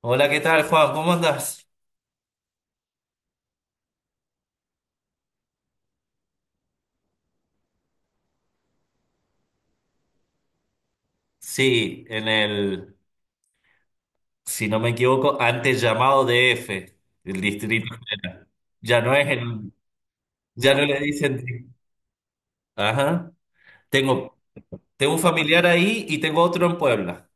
Hola, ¿qué tal, Juan? ¿Cómo andas? Sí, en el, si no me equivoco, antes llamado DF, el Distrito Federal. Ya no es el, ya no le dicen. Ajá. Tengo, tengo un familiar ahí y tengo otro en Puebla.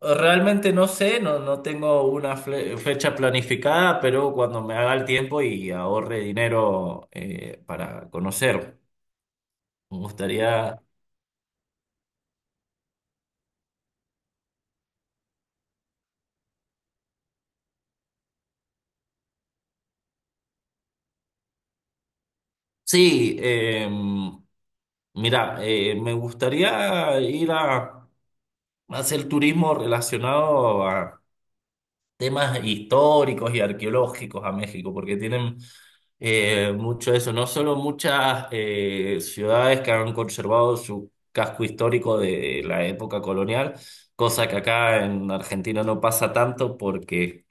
Realmente no sé, no, no tengo una fle- fecha planificada, pero cuando me haga el tiempo y ahorre dinero para conocer, me gustaría. Sí, mira, me gustaría ir a hacer turismo relacionado a temas históricos y arqueológicos a México, porque tienen mucho eso, no solo muchas ciudades que han conservado su casco histórico de la época colonial, cosa que acá en Argentina no pasa tanto porque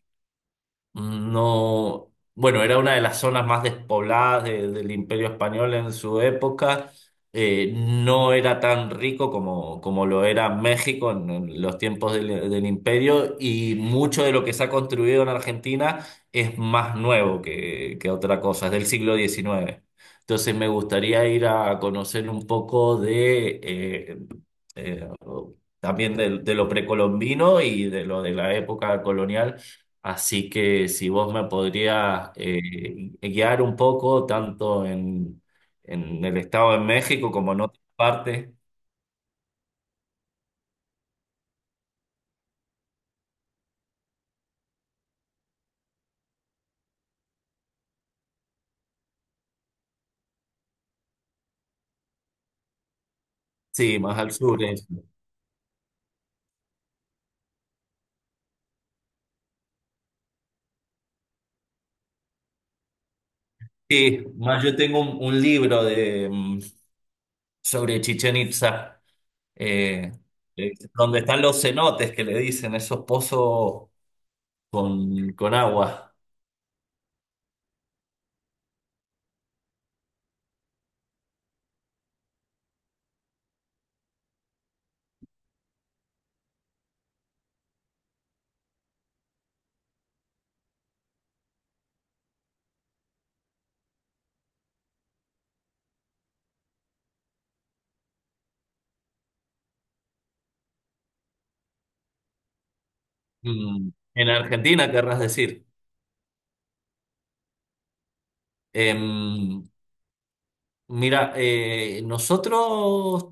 no, bueno, era una de las zonas más despobladas de- del Imperio Español en su época. No era tan rico como, como lo era México en los tiempos del, del Imperio, y mucho de lo que se ha construido en Argentina es más nuevo que otra cosa, es del siglo XIX. Entonces me gustaría ir a conocer un poco de, eh, también de lo precolombino y de lo de la época colonial. Así que si vos me podrías guiar un poco, tanto en el estado de México como en otras partes, sí, más al sur. Sí, más yo tengo un libro de, sobre Chichén Itzá, eh, donde están los cenotes que le dicen, esos pozos con agua. En Argentina, querrás decir. Em, mira, nosotros,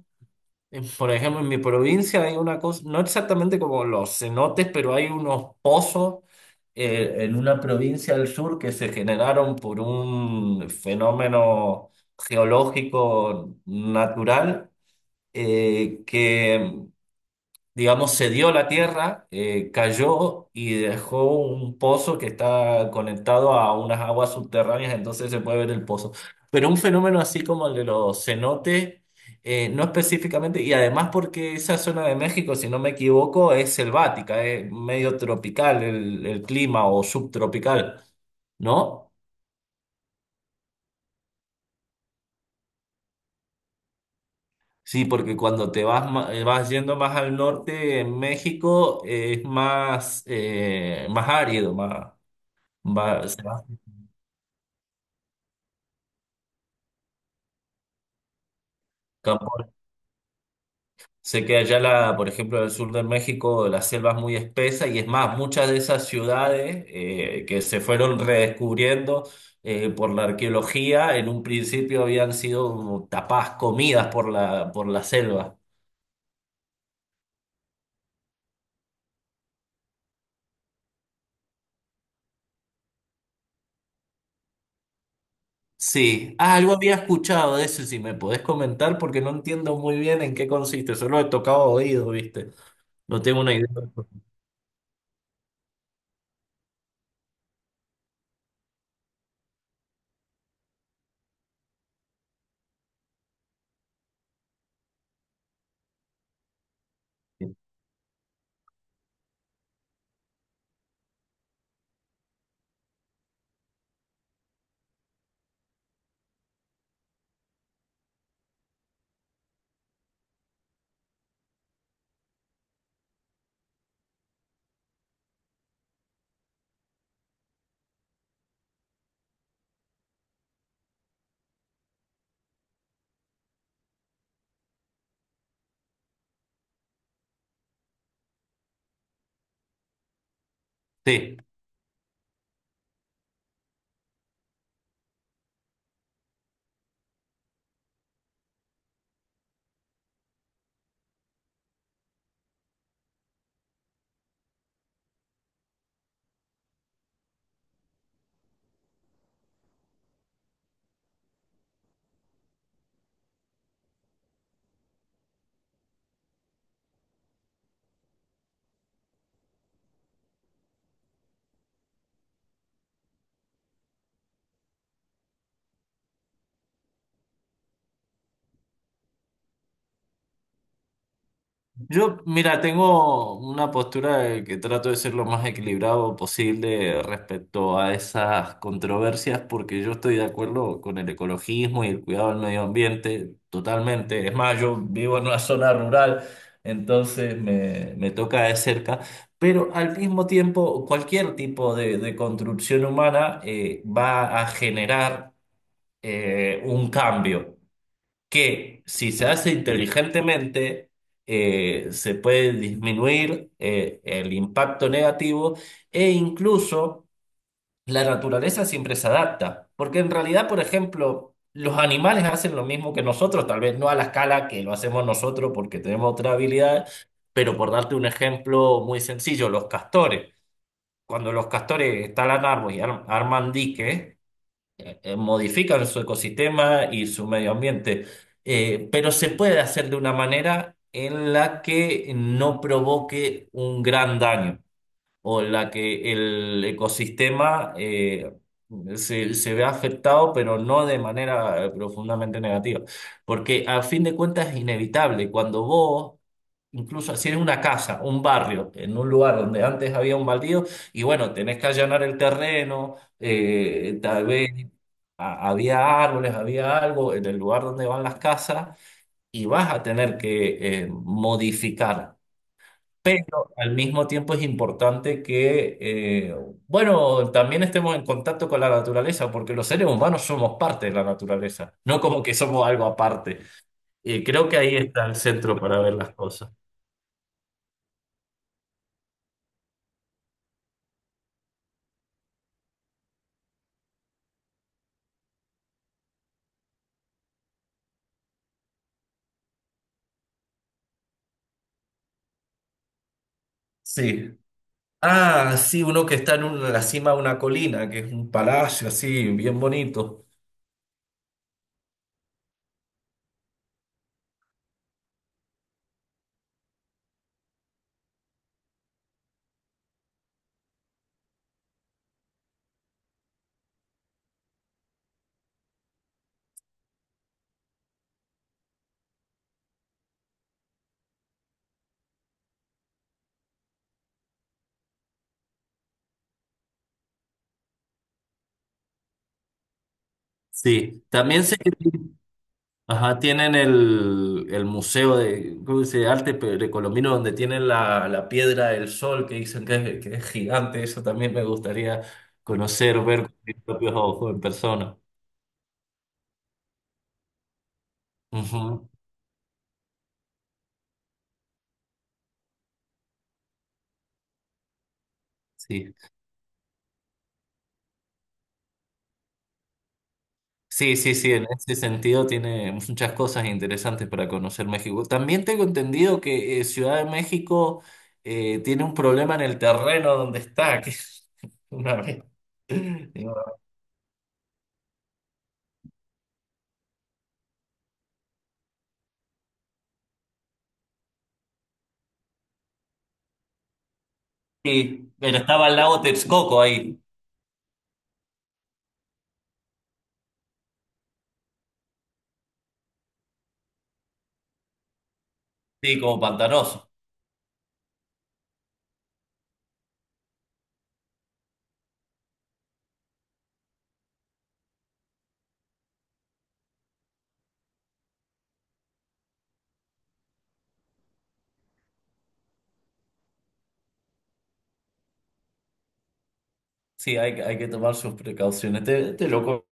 por ejemplo, en mi provincia hay una cosa, no exactamente como los cenotes, pero hay unos pozos en una provincia del sur que se generaron por un fenómeno geológico natural que digamos, cedió la tierra, cayó y dejó un pozo que está conectado a unas aguas subterráneas, entonces se puede ver el pozo. Pero un fenómeno así como el de los cenotes, no específicamente, y además porque esa zona de México, si no me equivoco, es selvática, es medio tropical el clima o subtropical, ¿no? Sí, porque cuando te vas, ma- vas yendo más al norte, en México es más, más árido, más, va, se va. Campo- sé que allá, la, por ejemplo, en el sur de México, la selva es muy espesa y es más, muchas de esas ciudades que se fueron redescubriendo por la arqueología, en un principio habían sido como tapadas, comidas por la selva. Sí, ah, algo había escuchado de eso, si me podés comentar, porque no entiendo muy bien en qué consiste, solo he tocado oído, ¿viste? No tengo una idea. Sí. Yo, mira, tengo una postura de que trato de ser lo más equilibrado posible respecto a esas controversias, porque yo estoy de acuerdo con el ecologismo y el cuidado del medio ambiente totalmente. Es más, yo vivo en una zona rural, entonces me toca de cerca, pero al mismo tiempo, cualquier tipo de construcción humana va a generar un cambio que si se hace inteligentemente, se puede disminuir el impacto negativo e incluso la naturaleza siempre se adapta, porque en realidad, por ejemplo, los animales hacen lo mismo que nosotros, tal vez no a la escala que lo hacemos nosotros porque tenemos otra habilidad, pero por darte un ejemplo muy sencillo, los castores. Cuando los castores talan árboles y ar- arman diques, modifican su ecosistema y su medio ambiente. Pero se puede hacer de una manera en la que no provoque un gran daño o en la que el ecosistema se ve afectado, pero no de manera profundamente negativa. Porque a fin de cuentas es inevitable. Cuando vos, incluso si eres una casa, un barrio, en un lugar donde antes había un baldío, y bueno, tenés que allanar el terreno, tal vez a- había árboles, había algo en el lugar donde van las casas, y vas a tener que modificar. Pero al mismo tiempo es importante que, bueno, también estemos en contacto con la naturaleza, porque los seres humanos somos parte de la naturaleza, no como que somos algo aparte. Y creo que ahí está el centro para ver las cosas. Sí. Ah, sí, uno que está en un- la cima de una colina, que es un palacio así, bien bonito. Sí, también se ajá, tienen el museo de, ¿cómo se dice? Arte precolombino, donde tienen la, la piedra del sol, que dicen que es gigante. Eso también me gustaría conocer, ver con mis propios ojos en persona. Ujú. Sí. Sí, sí, sí, en ese sentido tiene muchas cosas interesantes para conocer México. También tengo entendido que Ciudad de México tiene un problema en el terreno donde está, que es una vez. Sí, pero estaba el lago Texcoco ahí. Sí, como pantanoso. Sí, hay que tomar sus precauciones. Te lo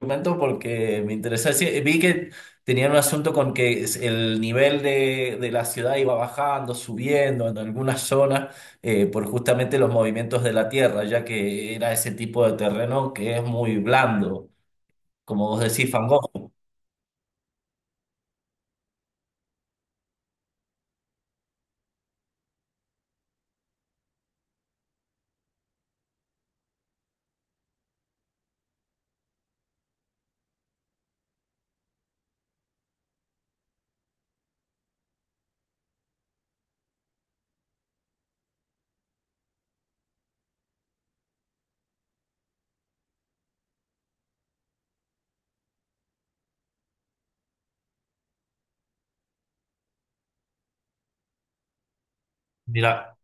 comento porque me interesa. Sí, vi que tenían un asunto con que es- el nivel de la ciudad iba bajando, subiendo en algunas zonas por justamente los movimientos de la tierra, ya que era ese tipo de terreno que es muy blando, como vos decís, fangoso. Mira.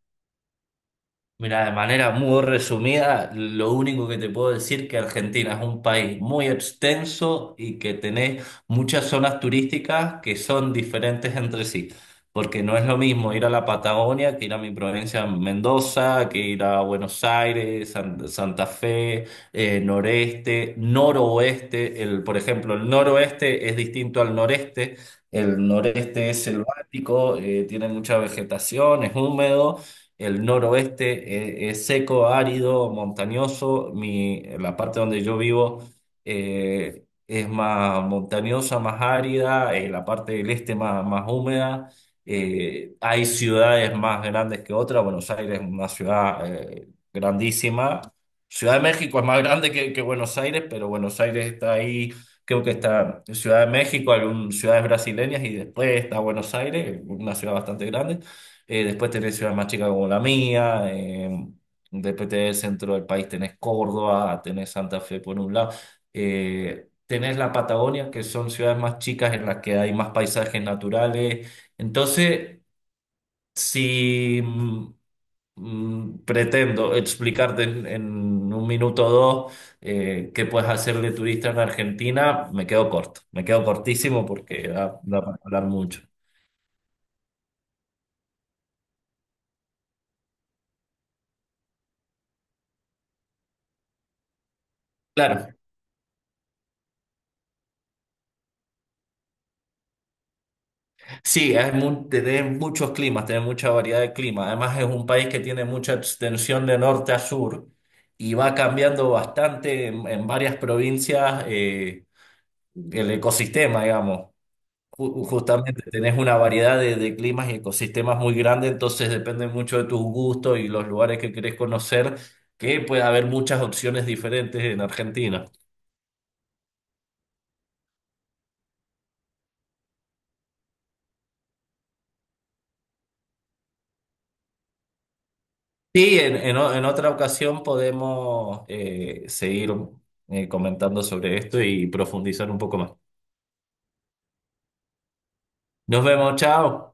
Mira, de manera muy resumida, lo único que te puedo decir que Argentina es un país muy extenso y que tenés muchas zonas turísticas que son diferentes entre sí, porque no es lo mismo ir a la Patagonia que ir a mi provincia Mendoza, que ir a Buenos Aires, San- Santa Fe, noreste, noroeste. El, por ejemplo, el noroeste es distinto al noreste. El noreste es selvático, tiene mucha vegetación, es húmedo. El noroeste es seco, árido, montañoso. Mi, la parte donde yo vivo es más montañosa, más árida. La parte del este más, más húmeda. Hay ciudades más grandes que otras. Buenos Aires es una ciudad grandísima. Ciudad de México es más grande que Buenos Aires, pero Buenos Aires está ahí. Creo que está Ciudad de México, algunas ciudades brasileñas y después está Buenos Aires, una ciudad bastante grande. Después tenés ciudades más chicas como la mía, después tenés el centro del país, tenés Córdoba, tenés Santa Fe por un lado, tenés la Patagonia, que son ciudades más chicas en las que hay más paisajes naturales. Entonces, si pretendo explicarte en un minuto o dos qué puedes hacer de turista en Argentina, me quedo corto, me quedo cortísimo porque da, da para hablar mucho. Claro. Sí, es mu- tiene muchos climas, tiene mucha variedad de clima. Además, es un país que tiene mucha extensión de norte a sur y va cambiando bastante en varias provincias el ecosistema, digamos. Ju- justamente tenés una variedad de climas y ecosistemas muy grande, entonces depende mucho de tus gustos y los lugares que querés conocer, que puede haber muchas opciones diferentes en Argentina. Sí, en o- en otra ocasión podemos seguir comentando sobre esto y profundizar un poco más. Nos vemos, chao.